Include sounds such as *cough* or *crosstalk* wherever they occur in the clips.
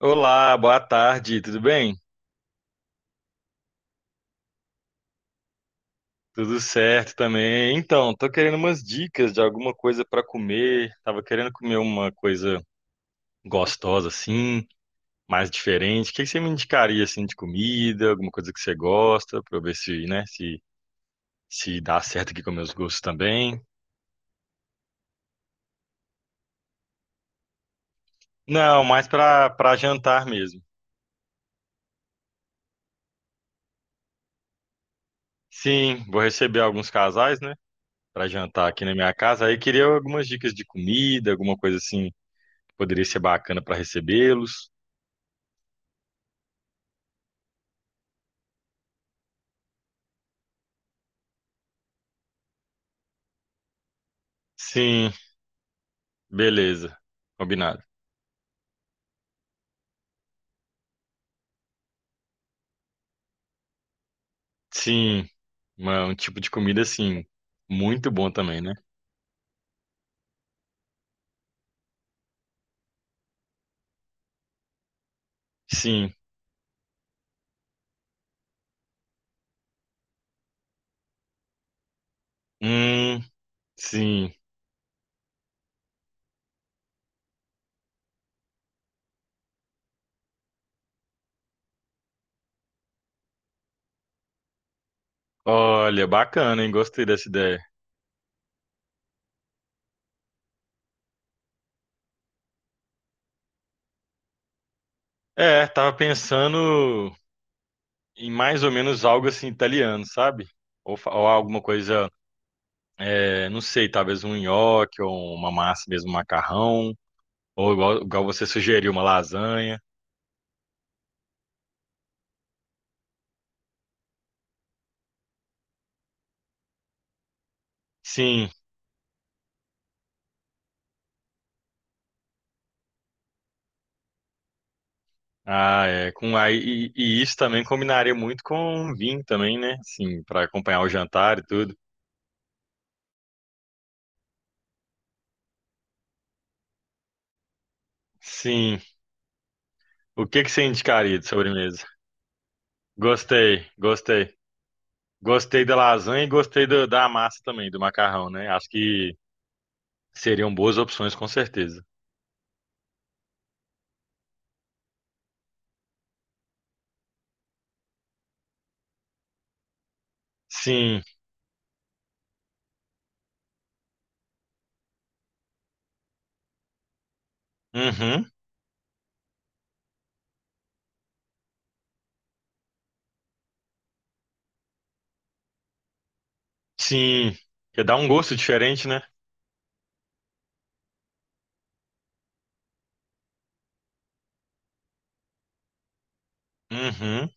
Olá, boa tarde, tudo bem? Tudo certo também. Então, tô querendo umas dicas de alguma coisa para comer. Tava querendo comer uma coisa gostosa assim, mais diferente. O que que você me indicaria assim de comida, alguma coisa que você gosta, para eu ver se, né, se dá certo aqui com meus gostos também. Não, mais para jantar mesmo. Sim, vou receber alguns casais, né, para jantar aqui na minha casa. Aí queria algumas dicas de comida, alguma coisa assim que poderia ser bacana para recebê-los. Sim. Beleza, combinado. Sim, um tipo de comida assim, muito bom também, né? Sim, hum, sim. Olha, bacana, hein? Gostei dessa ideia. É, tava pensando em mais ou menos algo assim italiano, sabe? Ou, ou alguma coisa, não sei, talvez um nhoque ou uma massa mesmo, um macarrão, ou igual você sugeriu, uma lasanha. Sim. Ah, é. Com, aí, e isso também combinaria muito com vinho também, né? Sim, para acompanhar o jantar e tudo. Sim. O que que você indicaria de sobremesa? Gostei. Gostei da lasanha e gostei da massa também, do macarrão, né? Acho que seriam boas opções, com certeza. Sim. Uhum. Sim. Porque dá um gosto diferente, né? Uhum.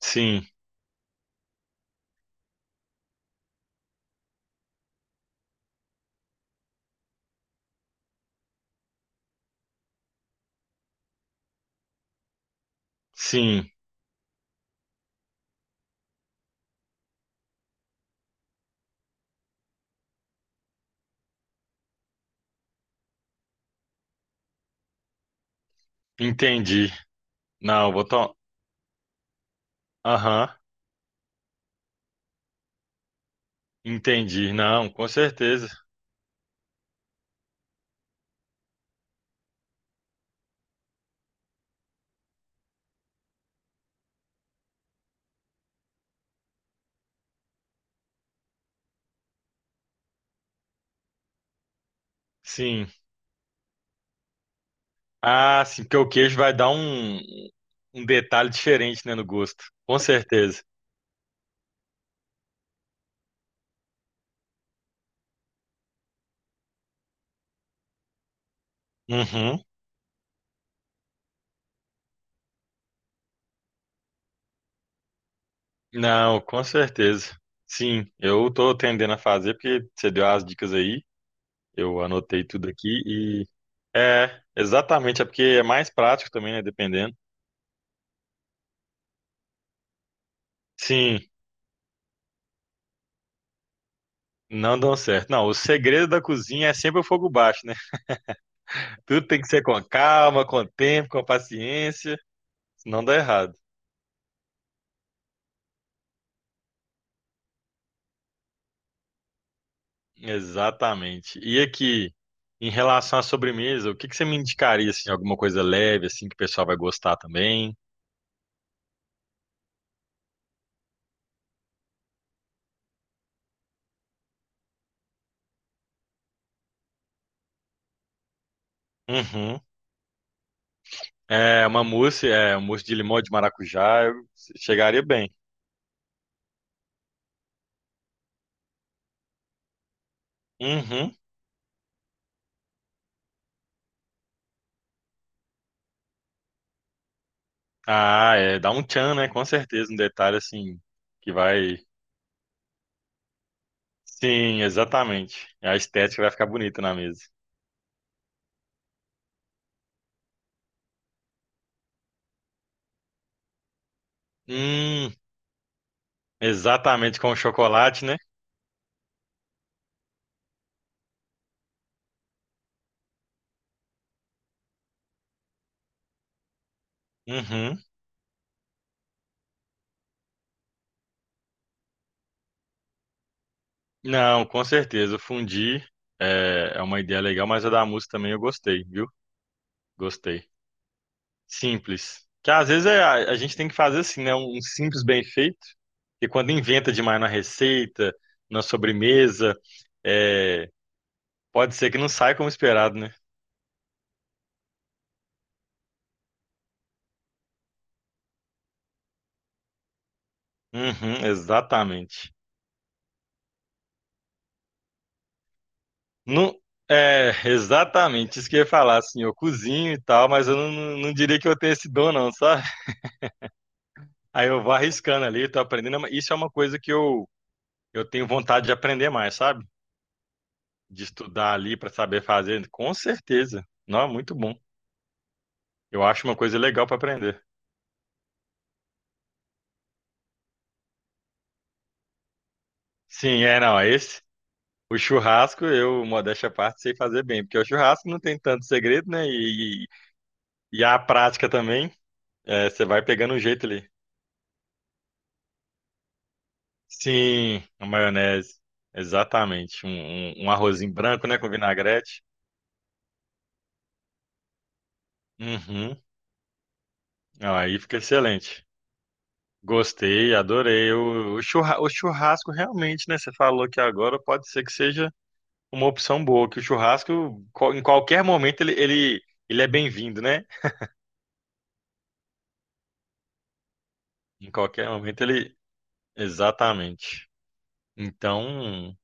Sim. Sim. Entendi. Não, vou tomar. Aham. Entendi. Não, com certeza. Sim. Ah, sim, porque o queijo vai dar um, um detalhe diferente, né, no gosto. Com certeza. Uhum. Não, com certeza. Sim, eu tô tendendo a fazer porque você deu as dicas aí, eu anotei tudo aqui e é, exatamente, é porque é mais prático também, né, dependendo. Sim, não dão certo. Não, o segredo da cozinha é sempre o fogo baixo, né? *laughs* Tudo tem que ser com calma, com tempo, com paciência, senão dá errado. Exatamente. E aqui, em relação à sobremesa, o que que você me indicaria, assim, alguma coisa leve, assim, que o pessoal vai gostar também? Uhum. É, uma mousse, é, um mousse de limão e de maracujá, eu chegaria bem. Uhum. Ah, é, dá um tchan, né? Com certeza, um detalhe, assim, que vai... Sim, exatamente. A estética vai ficar bonita na mesa. Hum, exatamente, com o chocolate, né? Uhum. Não, com certeza. O Fundi é, é uma ideia legal, mas a da música também eu gostei, viu? Gostei. Simples. Que às vezes a gente tem que fazer assim, né? Um simples bem feito. E quando inventa demais na receita, na sobremesa, é, pode ser que não saia como esperado, né? Uhum, exatamente. Não, é, exatamente. Isso que eu ia falar, assim, eu cozinho e tal, mas eu não, não diria que eu tenho esse dom, não, sabe? Aí eu vou arriscando ali, tô aprendendo. Isso é uma coisa que eu tenho vontade de aprender mais, sabe? De estudar ali para saber fazer, com certeza. Não, é muito bom. Eu acho uma coisa legal para aprender. Sim, é, não, esse. O churrasco, eu, modéstia à parte, sei fazer bem, porque o churrasco não tem tanto segredo, né? E a prática também, é, você vai pegando o jeito ali. Sim, a maionese, exatamente. Um arrozinho branco, né, com vinagrete. Uhum. Não, aí fica excelente. Gostei, adorei. O churrasco realmente, né? Você falou que agora pode ser que seja uma opção boa, que o churrasco, em qualquer momento, ele é bem-vindo, né? Em qualquer momento ele. Exatamente. Então,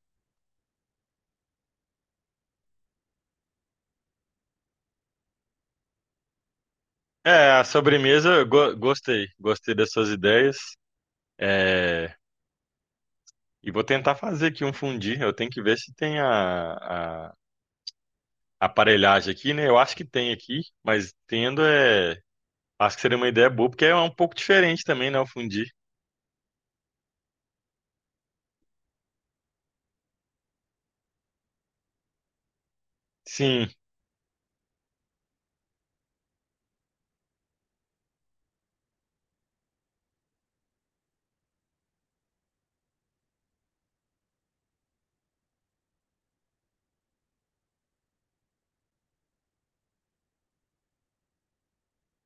é, a sobremesa, eu gostei. Gostei das suas ideias. É, e vou tentar fazer aqui um fundi. Eu tenho que ver se tem a aparelhagem aqui, né? Eu acho que tem aqui, mas tendo é. Acho que seria uma ideia boa, porque é um pouco diferente também, né? O fundir. Sim,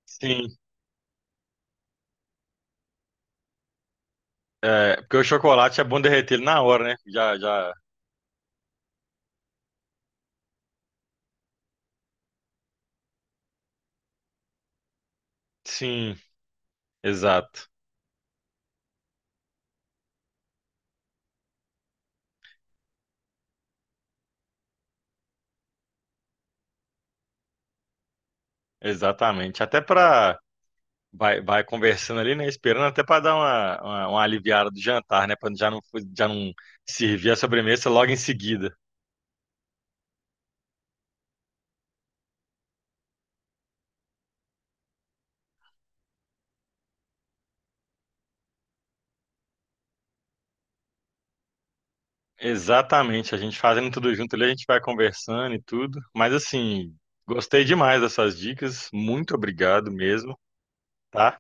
sim. É, porque o chocolate é bom derreter ele na hora, né? Já. Sim, exato. Exatamente. Até para vai, vai conversando ali, né? Esperando até para dar uma aliviada do jantar, né? Para já não servir a sobremesa logo em seguida. Exatamente. A gente fazendo tudo junto ali, a gente vai conversando e tudo. Mas assim, gostei demais dessas dicas. Muito obrigado mesmo, tá?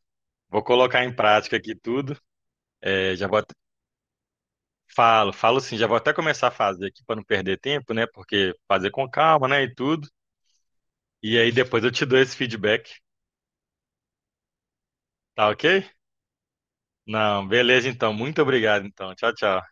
Vou colocar em prática aqui tudo. É, já vou até- falo, falo sim, já vou até começar a fazer aqui para não perder tempo, né? Porque fazer com calma, né? E tudo. E aí depois eu te dou esse feedback, tá ok? Não, beleza então. Muito obrigado então. Tchau, tchau.